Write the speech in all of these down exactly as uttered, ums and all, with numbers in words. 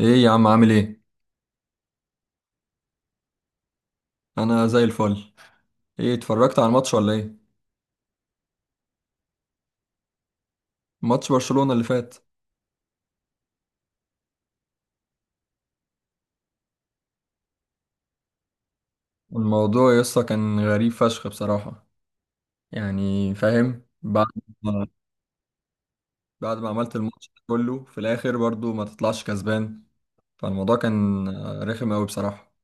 ايه يا عم، عامل ايه؟ انا زي الفل. ايه اتفرجت على الماتش ولا ايه؟ ماتش برشلونة اللي فات. الموضوع يسطا كان غريب فشخ بصراحة، يعني فاهم. بعد ما بعد ما عملت الماتش ده كله في الاخر برضو ما تطلعش كسبان، فالموضوع كان آه، رخم قوي بصراحة.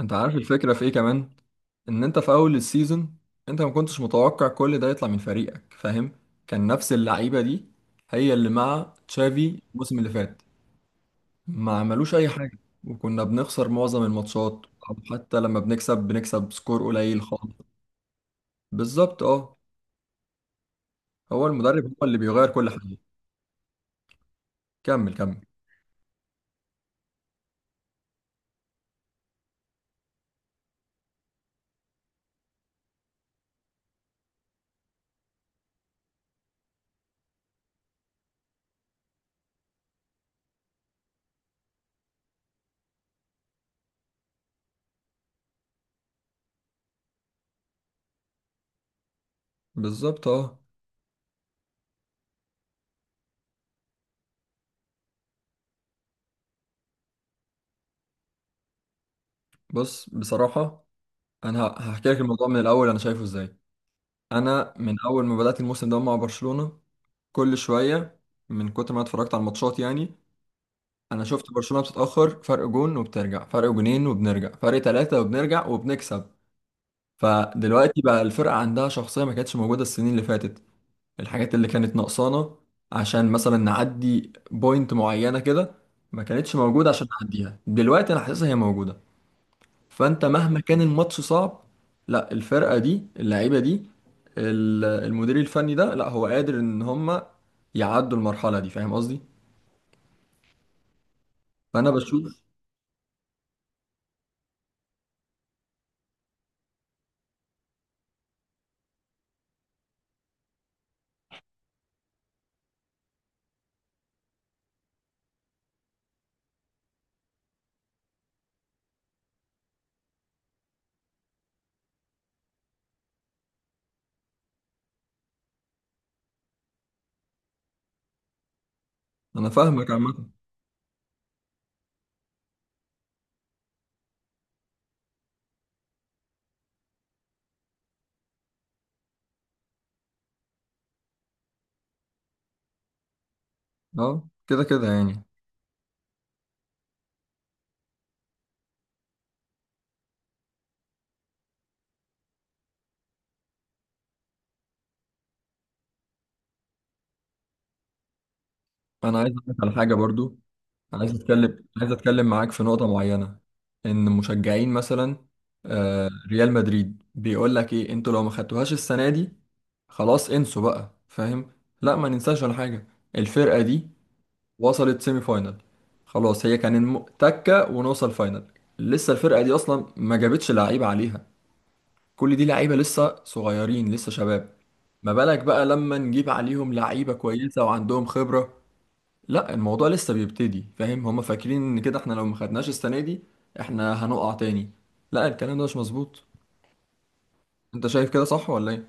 انت عارف الفكرة في ايه كمان؟ ان انت في اول السيزون انت ما كنتش متوقع كل ده يطلع من فريقك، فاهم؟ كان نفس اللعيبة دي هي اللي مع تشافي الموسم اللي فات، ما عملوش اي حاجه، وكنا بنخسر معظم الماتشات، او حتى لما بنكسب بنكسب سكور قليل خالص. بالظبط اه. هو المدرب هو اللي بيغير كل حاجه. كمل كمل. بالظبط اه. بص بصراحه، انا ه- هحكي لك الموضوع من الاول انا شايفه ازاي. انا من اول ما بدات الموسم ده مع برشلونه، كل شويه من كتر ما أنا اتفرجت على الماتشات يعني، انا شفت برشلونه بتتاخر فرق جون وبترجع، فرق جونين وبنرجع، فرق ثلاثه وبنرجع وبنكسب. فدلوقتي بقى الفرقه عندها شخصيه ما كانتش موجوده السنين اللي فاتت. الحاجات اللي كانت ناقصانا عشان مثلا نعدي بوينت معينة كده ما كانتش موجودة، عشان نعديها دلوقتي انا حاسسها هي موجودة. فانت مهما كان الماتش صعب، لا، الفرقة دي اللعيبة دي ال- المدير الفني ده، لا هو قادر ان هم يعدوا المرحلة دي، فاهم قصدي؟ فانا بشوف. انا فاهمك عامة. اه كده كده يعني. انا عايز اقول لك على حاجة برضو، عايز اتكلم، عايز اتكلم معاك في نقطة معينة. ان مشجعين مثلا آه، ريال مدريد بيقول لك ايه؟ انتوا لو ما خدتوهاش السنة دي خلاص انسوا بقى، فاهم؟ لا ما ننساش ولا حاجة. الفرقة دي وصلت سيمي فاينال، خلاص هي كان الم- تكة ونوصل فاينال. لسه الفرقة دي اصلا ما جابتش لعيبة عليها، كل دي لعيبة لسه صغيرين لسه شباب. ما بالك بقى لما نجيب عليهم لعيبة كويسة وعندهم خبرة؟ لا الموضوع لسه بيبتدي، فاهم؟ هما فاكرين ان كده احنا لو ما خدناش السنه دي احنا هنقع تاني، لا الكلام ده مش مظبوط. انت شايف كده صح ولا ايه؟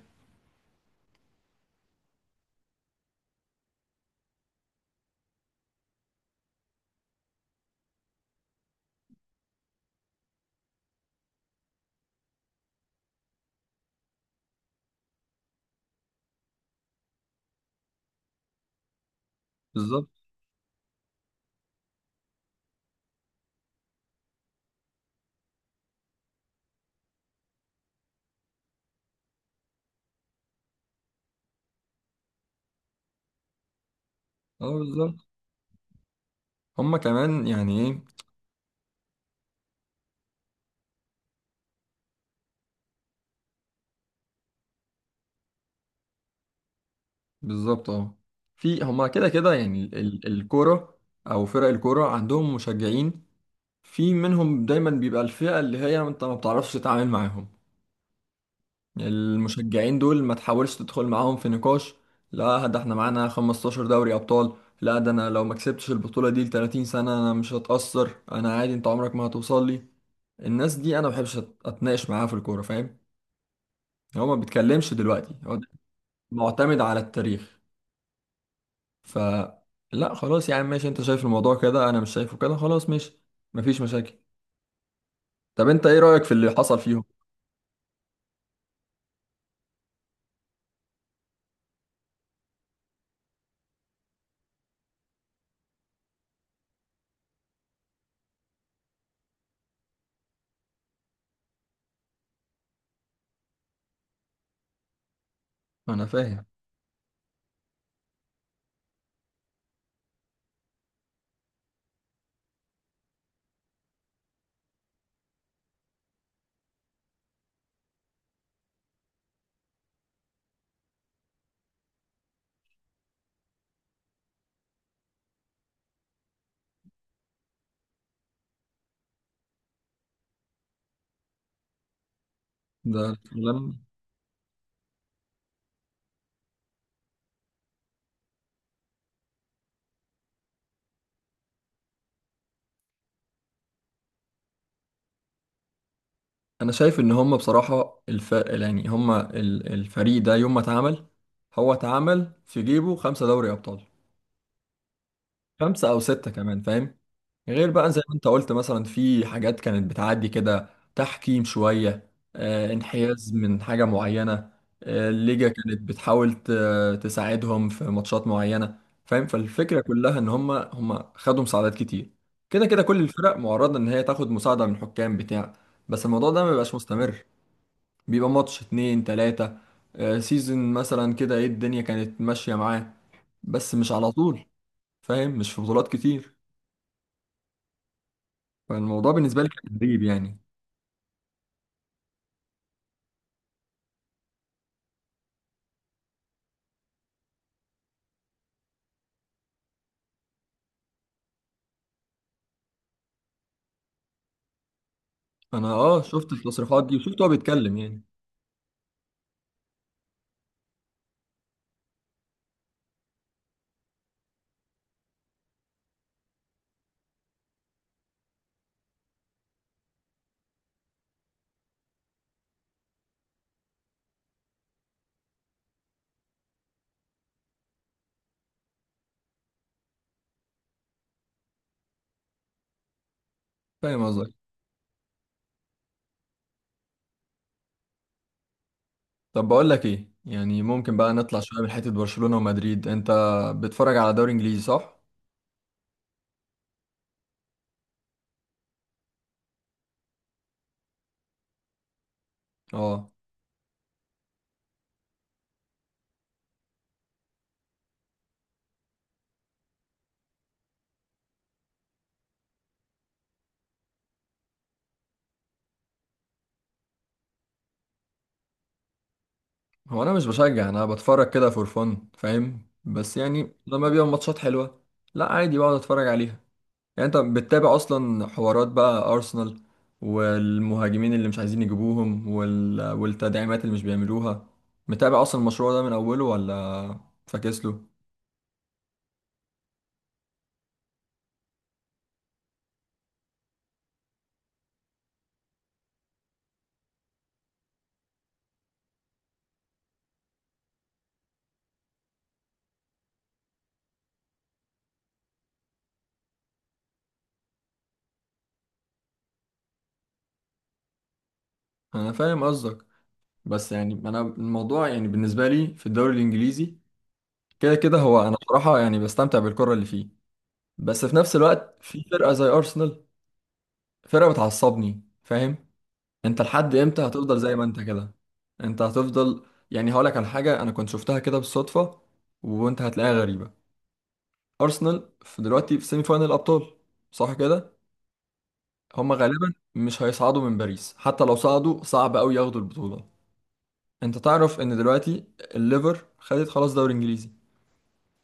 بالظبط اه. بالظبط، هما كمان يعني ايه. بالظبط اه. في هما كده كده يعني ال- ال- الكوره او فرق الكوره عندهم مشجعين، في منهم دايما بيبقى الفئه اللي هي انت ما بتعرفش تتعامل معاهم. المشجعين دول ما تحاولش تدخل معاهم في نقاش. لا ده احنا معانا خمستاشر دوري ابطال، لا ده انا لو ما كسبتش البطولة دي ل تلاتين سنة انا مش هتأثر، انا عادي، انت عمرك ما هتوصل لي. الناس دي انا ما بحبش أت- اتناقش معاها في الكورة، فاهم؟ هو ما بيتكلمش دلوقتي، هو معتمد على التاريخ. ف لا خلاص يا عم ماشي، انت شايف الموضوع كده، انا مش شايفه كده، خلاص ماشي مفيش مشاكل. طب انت ايه رأيك في اللي حصل فيهم؟ انا فاهم ده. انا شايف ان هم بصراحه الفرق يعني هم ال- الفريق ده يوم ما اتعمل هو اتعمل في جيبه خمسة، خمسة او ستة كمان، فاهم؟ غير بقى زي ما انت قلت مثلا في حاجات كانت بتعدي كده، تحكيم شويه، آه انحياز من حاجه معينه، آه الليجا كانت بتحاول ت- تساعدهم في ماتشات معينه، فاهم؟ فالفكره كلها ان هم هم خدوا مساعدات كتير. كده كده كل الفرق معرضه ان هي تاخد مساعده من حكام بتاع، بس الموضوع ده ما بيبقاش مستمر، بيبقى ماتش اتنين تلاتة، آه، سيزن مثلا كده، ايه الدنيا كانت ماشية معاه بس مش على طول، فاهم؟ مش في بطولات كتير. فالموضوع بالنسبة لي كان غريب يعني. انا اه شفت التصريحات دي وشفت هو بيتكلم يعني. فاهم قصدك. طب بقول لك ايه، يعني ممكن بقى نطلع شوية من حتة برشلونة ومدريد، انت بتتفرج على دوري انجليزي صح؟ اه. هو انا مش بشجع، انا بتفرج كده فور فن، فاهم؟ بس يعني لما بيبقى ماتشات حلوة لا عادي بقعد اتفرج عليها. يعني انت بتتابع اصلا حوارات بقى ارسنال والمهاجمين اللي مش عايزين يجيبوهم وال... والتدعيمات اللي مش بيعملوها؟ متابع اصلا المشروع ده من اوله ولا فاكس له؟ انا فاهم قصدك، بس يعني انا الموضوع يعني بالنسبه لي في الدوري الانجليزي كده كده، هو انا بصراحه يعني بستمتع بالكره اللي فيه، بس في نفس الوقت في فرقه زي ارسنال، فرقه بتعصبني، فاهم؟ انت لحد امتى هتفضل زي ما انت كده؟ انت هتفضل؟ يعني هقولك على حاجه انا كنت شفتها كده بالصدفه وانت هتلاقيها غريبه. ارسنال في دلوقتي في سيمي فاينل الابطال، صح كده؟ هما غالبا مش هيصعدوا من باريس، حتى لو صعدوا صعب قوي ياخدوا البطوله. انت تعرف ان دلوقتي الليفر خدت خلاص دوري انجليزي،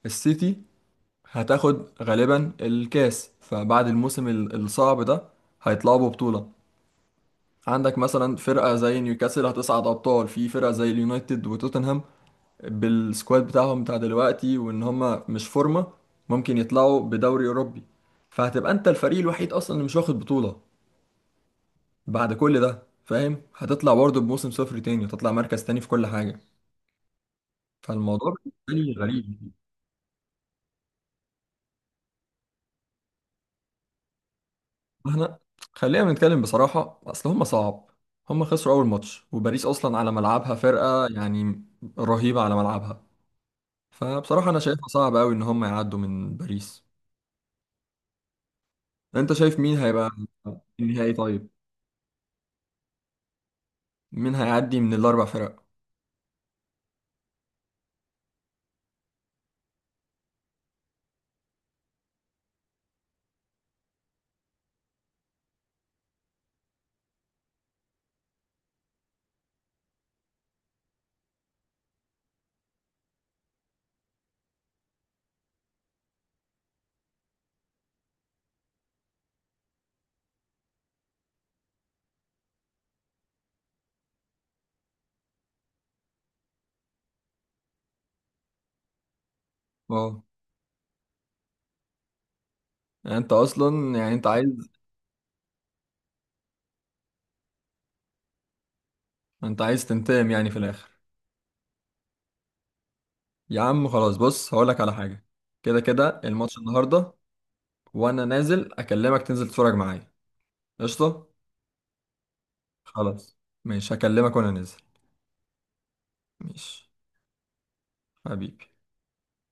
السيتي هتاخد غالبا الكاس، فبعد الموسم ال- الصعب ده هيطلعوا ببطوله. عندك مثلا فرقه زي نيوكاسل هتصعد ابطال، في فرقه زي اليونايتد وتوتنهام بالسكواد بتاعهم بتاع دلوقتي وان هم مش فورمة ممكن يطلعوا بدوري اوروبي، فهتبقى انت الفريق الوحيد اصلا اللي مش واخد بطولة بعد كل ده، فاهم؟ هتطلع برضه بموسم صفر تاني وتطلع مركز تاني في كل حاجة، فالموضوع بالنسبة لي غريب. احنا خلينا نتكلم بصراحة، اصل هم صعب، هم خسروا اول ماتش وباريس اصلا على ملعبها فرقة يعني رهيبة على ملعبها، فبصراحة انا شايفها صعب قوي ان هم يعدوا من باريس. انت شايف مين هيبقى النهائي طيب؟ مين هيعدي من الاربع فرق؟ اه يعني انت اصلا يعني انت عايز، انت عايز تنتقم يعني في الاخر. يا عم خلاص بص هقولك على حاجه، كده كده الماتش النهارده وانا نازل اكلمك تنزل تتفرج معايا. قشطه. خلاص ماشي، هكلمك وانا نازل. ماشي حبيبي.